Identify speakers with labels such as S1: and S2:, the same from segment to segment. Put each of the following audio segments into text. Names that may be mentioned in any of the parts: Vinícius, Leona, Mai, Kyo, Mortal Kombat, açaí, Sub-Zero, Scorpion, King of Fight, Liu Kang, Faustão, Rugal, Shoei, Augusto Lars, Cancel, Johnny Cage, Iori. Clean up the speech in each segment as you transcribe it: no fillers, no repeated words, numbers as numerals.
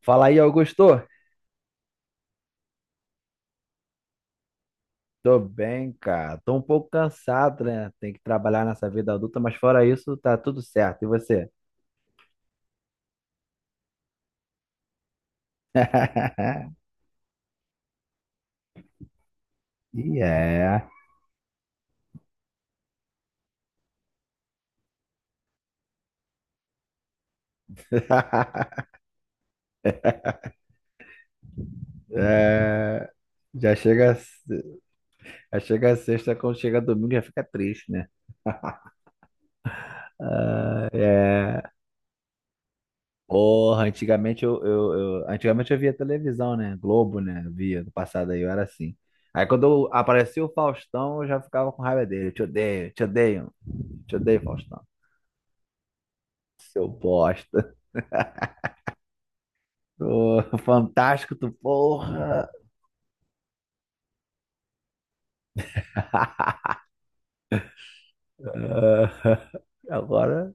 S1: Fala aí, Augusto. Tô bem, cara. Tô um pouco cansado, né? Tem que trabalhar nessa vida adulta, mas fora isso, tá tudo certo. E você? Yeah. É, Já chega, já chega a sexta, quando chega domingo já fica triste, né? É... Porra, antigamente antigamente eu via televisão, né? Globo, né? Eu via no passado aí, eu era assim. Aí aparecia o Faustão, eu já ficava com raiva dele. Te odeio, te odeio, te odeio, Faustão. Seu bosta. Ô, fantástico, tu porra. Ah, Agora,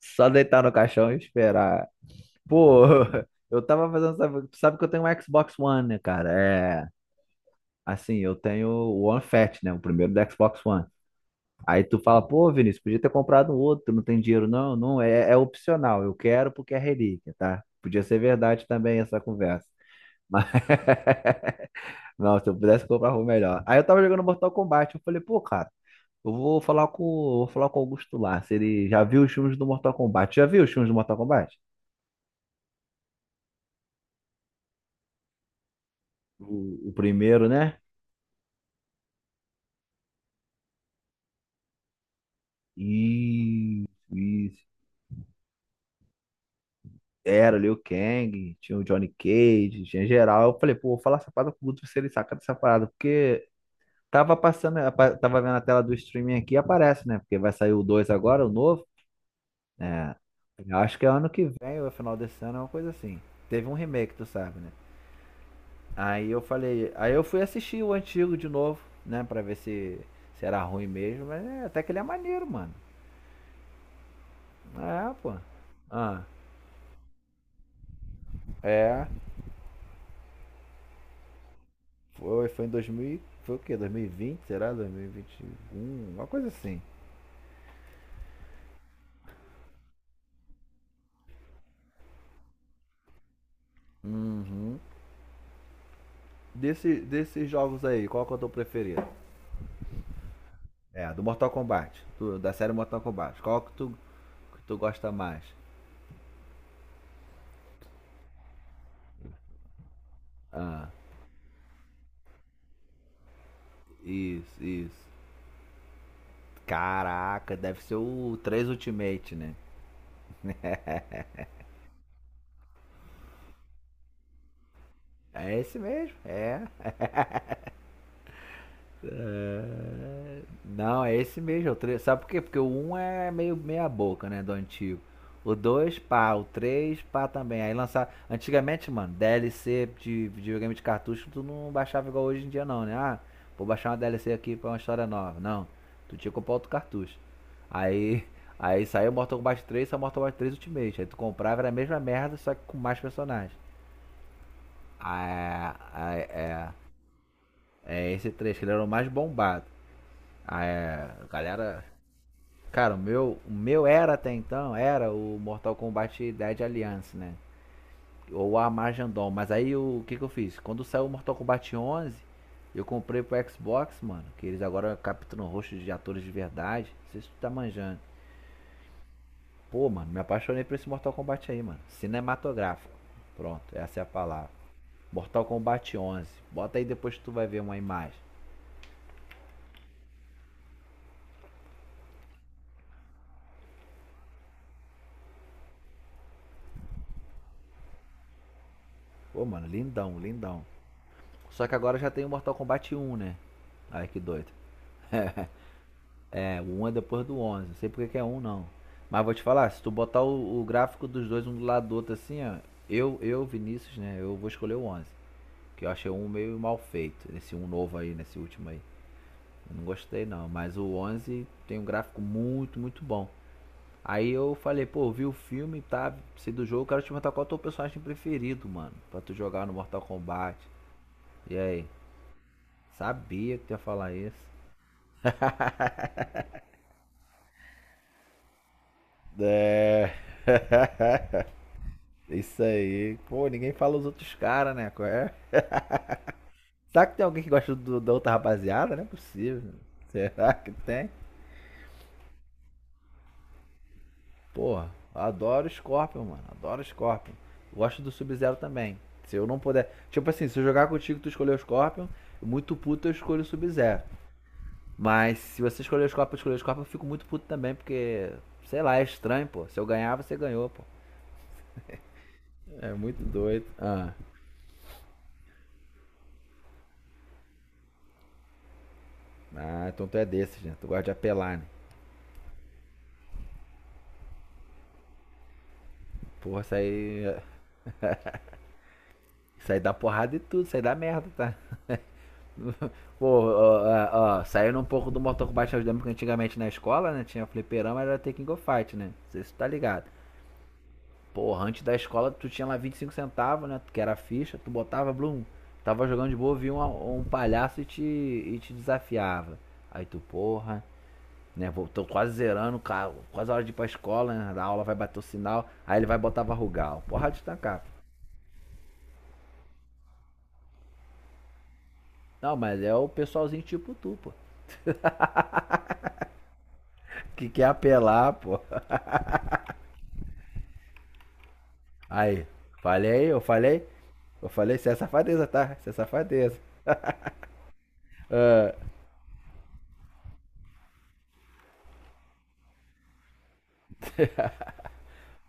S1: só deitar no caixão e esperar. Pô, eu tava fazendo. Tu sabe que eu tenho um Xbox One, né, cara? É. Assim, eu tenho o One Fat, né? O primeiro do Xbox One. Aí tu fala, pô, Vinícius, podia ter comprado um outro, não tem dinheiro. Não, não, é opcional. Eu quero porque é relíquia, tá? Podia ser verdade também essa conversa. Mas, não, se eu pudesse comprar algo melhor. Aí eu tava jogando Mortal Kombat, eu falei, pô, cara. Eu vou falar com o Augusto Lars. Ele já viu os filmes do Mortal Kombat. Já viu os filmes do Mortal Kombat? O primeiro, né? E, e, era o Liu Kang, tinha o Johnny Cage, tinha geral. Eu falei, pô, vou falar essa parada com o Guto se ele saca dessa parada, porque tava passando, tava vendo a tela do streaming aqui e aparece, né? Porque vai sair o 2 agora, o novo. É, eu acho que é ano que vem, ou é final desse ano, é uma coisa assim. Teve um remake, tu sabe, né? Aí eu falei, aí eu fui assistir o antigo de novo, né, pra ver se era ruim mesmo, mas é, até que ele é maneiro, mano. É, pô. Ah, é, foi em 2000, foi o quê? 2020, será? 2021, uma coisa assim. Uhum. Desses jogos aí, qual que é o teu preferido? É, do Mortal Kombat, da série Mortal Kombat, que tu gosta mais? Ah, isso, isso. Caraca, deve ser o 3 Ultimate, né? É esse mesmo, é. É, não, é esse mesmo. É o três. Sabe por quê? Porque o um é meio meia boca, né, do antigo. O dois pá. O 3 pá também. Aí lançar... Antigamente, mano, DLC de videogame de cartucho, tu não baixava igual hoje em dia não, né? Ah, vou baixar uma DLC aqui pra uma história nova. Não. Tu tinha que comprar outro cartucho. Aí... Aí saiu Mortal Kombat 3 Ultimate. Aí tu comprava, era a mesma merda, só que com mais personagens. Ah, é, é, é esse 3 que ele era o mais bombado. Ah, é, a galera. Cara, o meu era até então, era o Mortal Kombat Dead Alliance, né? Ou a Armagedon. Mas aí o que que eu fiz? Quando saiu o Mortal Kombat 11, eu comprei pro Xbox, mano. Que eles agora capturam rostos de atores de verdade. Não sei se tu tá manjando. Pô, mano, me apaixonei por esse Mortal Kombat aí, mano. Cinematográfico. Pronto, essa é a palavra. Mortal Kombat 11. Bota aí depois que tu vai ver uma imagem. Pô, mano, lindão, lindão. Só que agora já tem o Mortal Kombat 1, né? Ai, que doido. É, o 1 é depois do onze. Não sei porque que é um não. Mas vou te falar, se tu botar o gráfico dos dois um do lado do outro assim, ó. Vinícius, né? Eu vou escolher o onze. Que eu achei um meio mal feito. Esse um novo aí, nesse último aí. Eu não gostei não. Mas o 11 tem um gráfico muito, muito bom. Aí eu falei, pô, vi o filme, tá? Sei do jogo, quero te perguntar qual é o teu personagem preferido, mano. Pra tu jogar no Mortal Kombat. E aí? Sabia que tu ia falar isso. É isso aí. Pô, ninguém fala os outros caras, né? Qual é? Será que tem alguém que gosta da outra rapaziada? Não é possível. Será que tem? Porra, adoro o Scorpion, mano. Adoro o Scorpion. Gosto do Sub-Zero também. Se eu não puder. Tipo assim, se eu jogar contigo, tu escolher o Scorpion, muito puto eu escolho o Sub-Zero. Mas se você escolher o Scorpion, eu escolher o Scorpion, eu fico muito puto também, porque. Sei lá, é estranho, pô. Se eu ganhar, você ganhou, pô. É muito doido. Ah, então tu é desses, né? Tu gosta de apelar, né? Porra, sair. Sair da porrada e tudo, sair da merda, tá? Pô, ó, ó, ó, saindo um pouco do Mortal Kombat, eu lembro que antigamente na escola, né? Tinha fliperama, era ter King of Fight, né? Não sei se tu tá ligado. Porra, antes da escola tu tinha lá 25 centavos, né? Que era a ficha, tu botava, blum. Tava jogando de boa, vinha um palhaço e te desafiava. Aí tu, porra, né? Tô quase zerando, cara, quase a hora de ir pra escola, né? A aula vai bater o sinal, aí ele vai botar Varrugal. Porra de tacar. Não, mas é o pessoalzinho tipo tu, pô. Que quer apelar, pô. Aí, eu falei. Eu falei, isso é safadeza, tá? Isso é safadeza.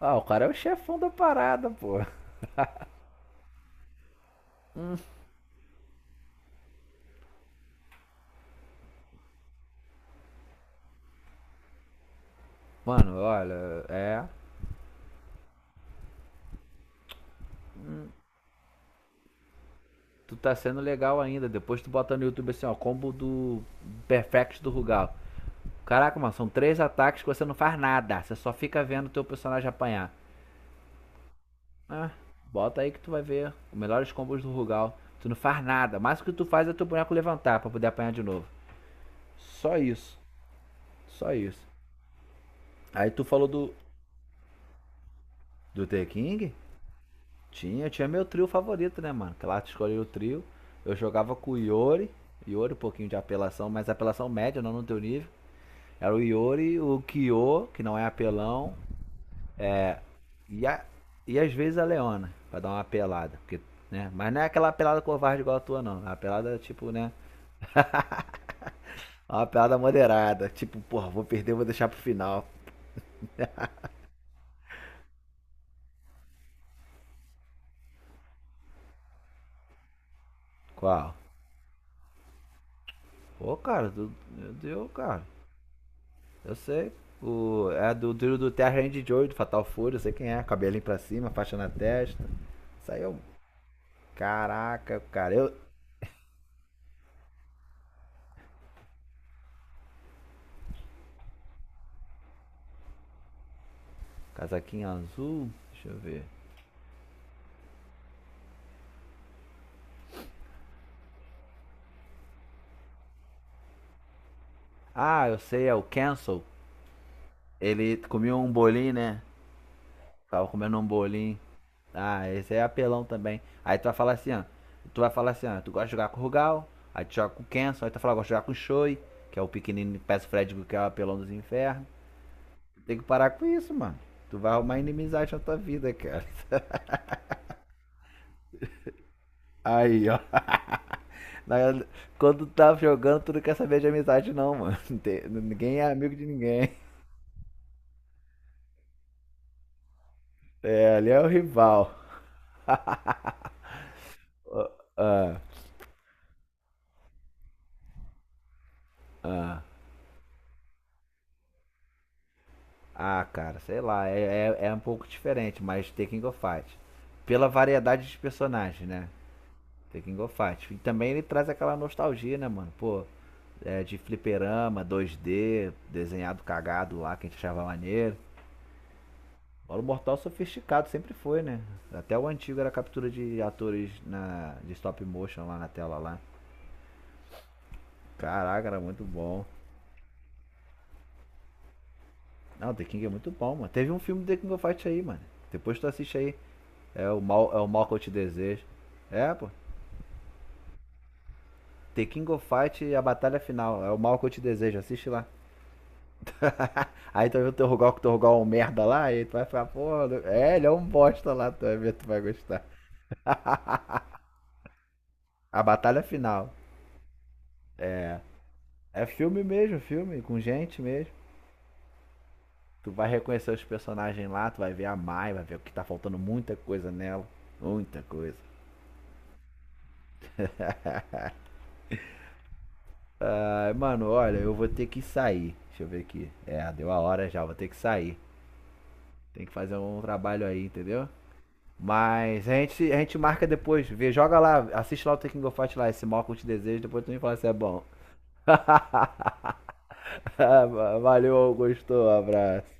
S1: Ah, o cara é o chefão da parada, pô. Mano, olha, é. Tu tá sendo legal ainda. Depois tu bota no YouTube assim, ó, combo do Perfect do Rugal. Caraca, mano, são três ataques que você não faz nada. Você só fica vendo o teu personagem apanhar. Ah, bota aí que tu vai ver os melhores combos do Rugal. Tu não faz nada. Mas o que tu faz é teu boneco levantar pra poder apanhar de novo. Só isso. Só isso. Aí tu falou do. Do The King? Tinha meu trio favorito, né, mano? Claro, escolhi o trio. Eu jogava com o Iori. Iori, um pouquinho de apelação, mas apelação média, não no teu nível. Era o Iori, o Kyo, que não é apelão. E, a, e às vezes a Leona, pra dar uma apelada. Porque, né? Mas não é aquela apelada covarde igual a tua, não. É uma apelada, tipo, né? É uma apelada moderada. Tipo, porra, vou perder, vou deixar pro final. Qual? Ô, cara, tu, meu Deus, cara. Eu sei. É a do trio do Terra Randy Joy, do Fatal Fury, eu sei quem é. Cabelinho pra cima, faixa na testa. Saiu, Caraca, cara. Casaquinho azul. Deixa eu ver. Ah, eu sei, é o Cancel. Ele comia um bolinho, né? Tava comendo um bolinho. Ah, esse é apelão também. Aí tu vai falar assim, ó. Tu vai falar assim, ó. Tu gosta de jogar com o Rugal, aí tu joga com o Cancel, aí tu fala, gosta de jogar com o Shoei, que é o pequenino peço Fred, que é o apelão dos infernos. Tem que parar com isso, mano. Tu vai arrumar inimizade na tua vida, cara. Aí, ó. Na- Quando tá jogando, tu não quer saber de amizade, não, mano. Não tem- Ninguém é amigo de ninguém. É, ali é o rival. Ah, ah. Ah, cara, sei lá. É um pouco diferente, mas The King of Fight. Pela variedade de personagens, né? The King of Fight. E também ele traz aquela nostalgia, né, mano? Pô, é, de fliperama, 2D, desenhado cagado lá, que a gente achava maneiro. Paulo Mortal sofisticado sempre foi, né? Até o antigo era captura de atores de stop motion lá na tela lá. Caraca, era muito bom. Não, The King é muito bom, mano. Teve um filme do The King of Fight aí, mano. Depois tu assiste aí. É o mal que eu te desejo. É, pô. The King of Fight a batalha final. É o mal que eu te desejo. Assiste lá. Aí tu vai ver o Torrugal que o Torrugal é um merda lá. Aí tu vai ficar, pô, é, ele é um bosta lá. Tu vai ver, tu vai gostar. A batalha final. É filme mesmo, filme, com gente mesmo. Tu vai reconhecer os personagens lá, tu vai ver a Mai, vai ver que tá faltando muita coisa nela. Muita coisa. Ah, mano, olha, eu vou ter que sair. Deixa eu ver aqui. É, deu a hora já, vou ter que sair. Tem que fazer um trabalho aí, entendeu? Mas a gente marca depois, vê, joga lá, assiste lá o Taking of Fight lá, esse mal que eu te desejo, depois tu me fala se é bom. Valeu, gostou, abraço.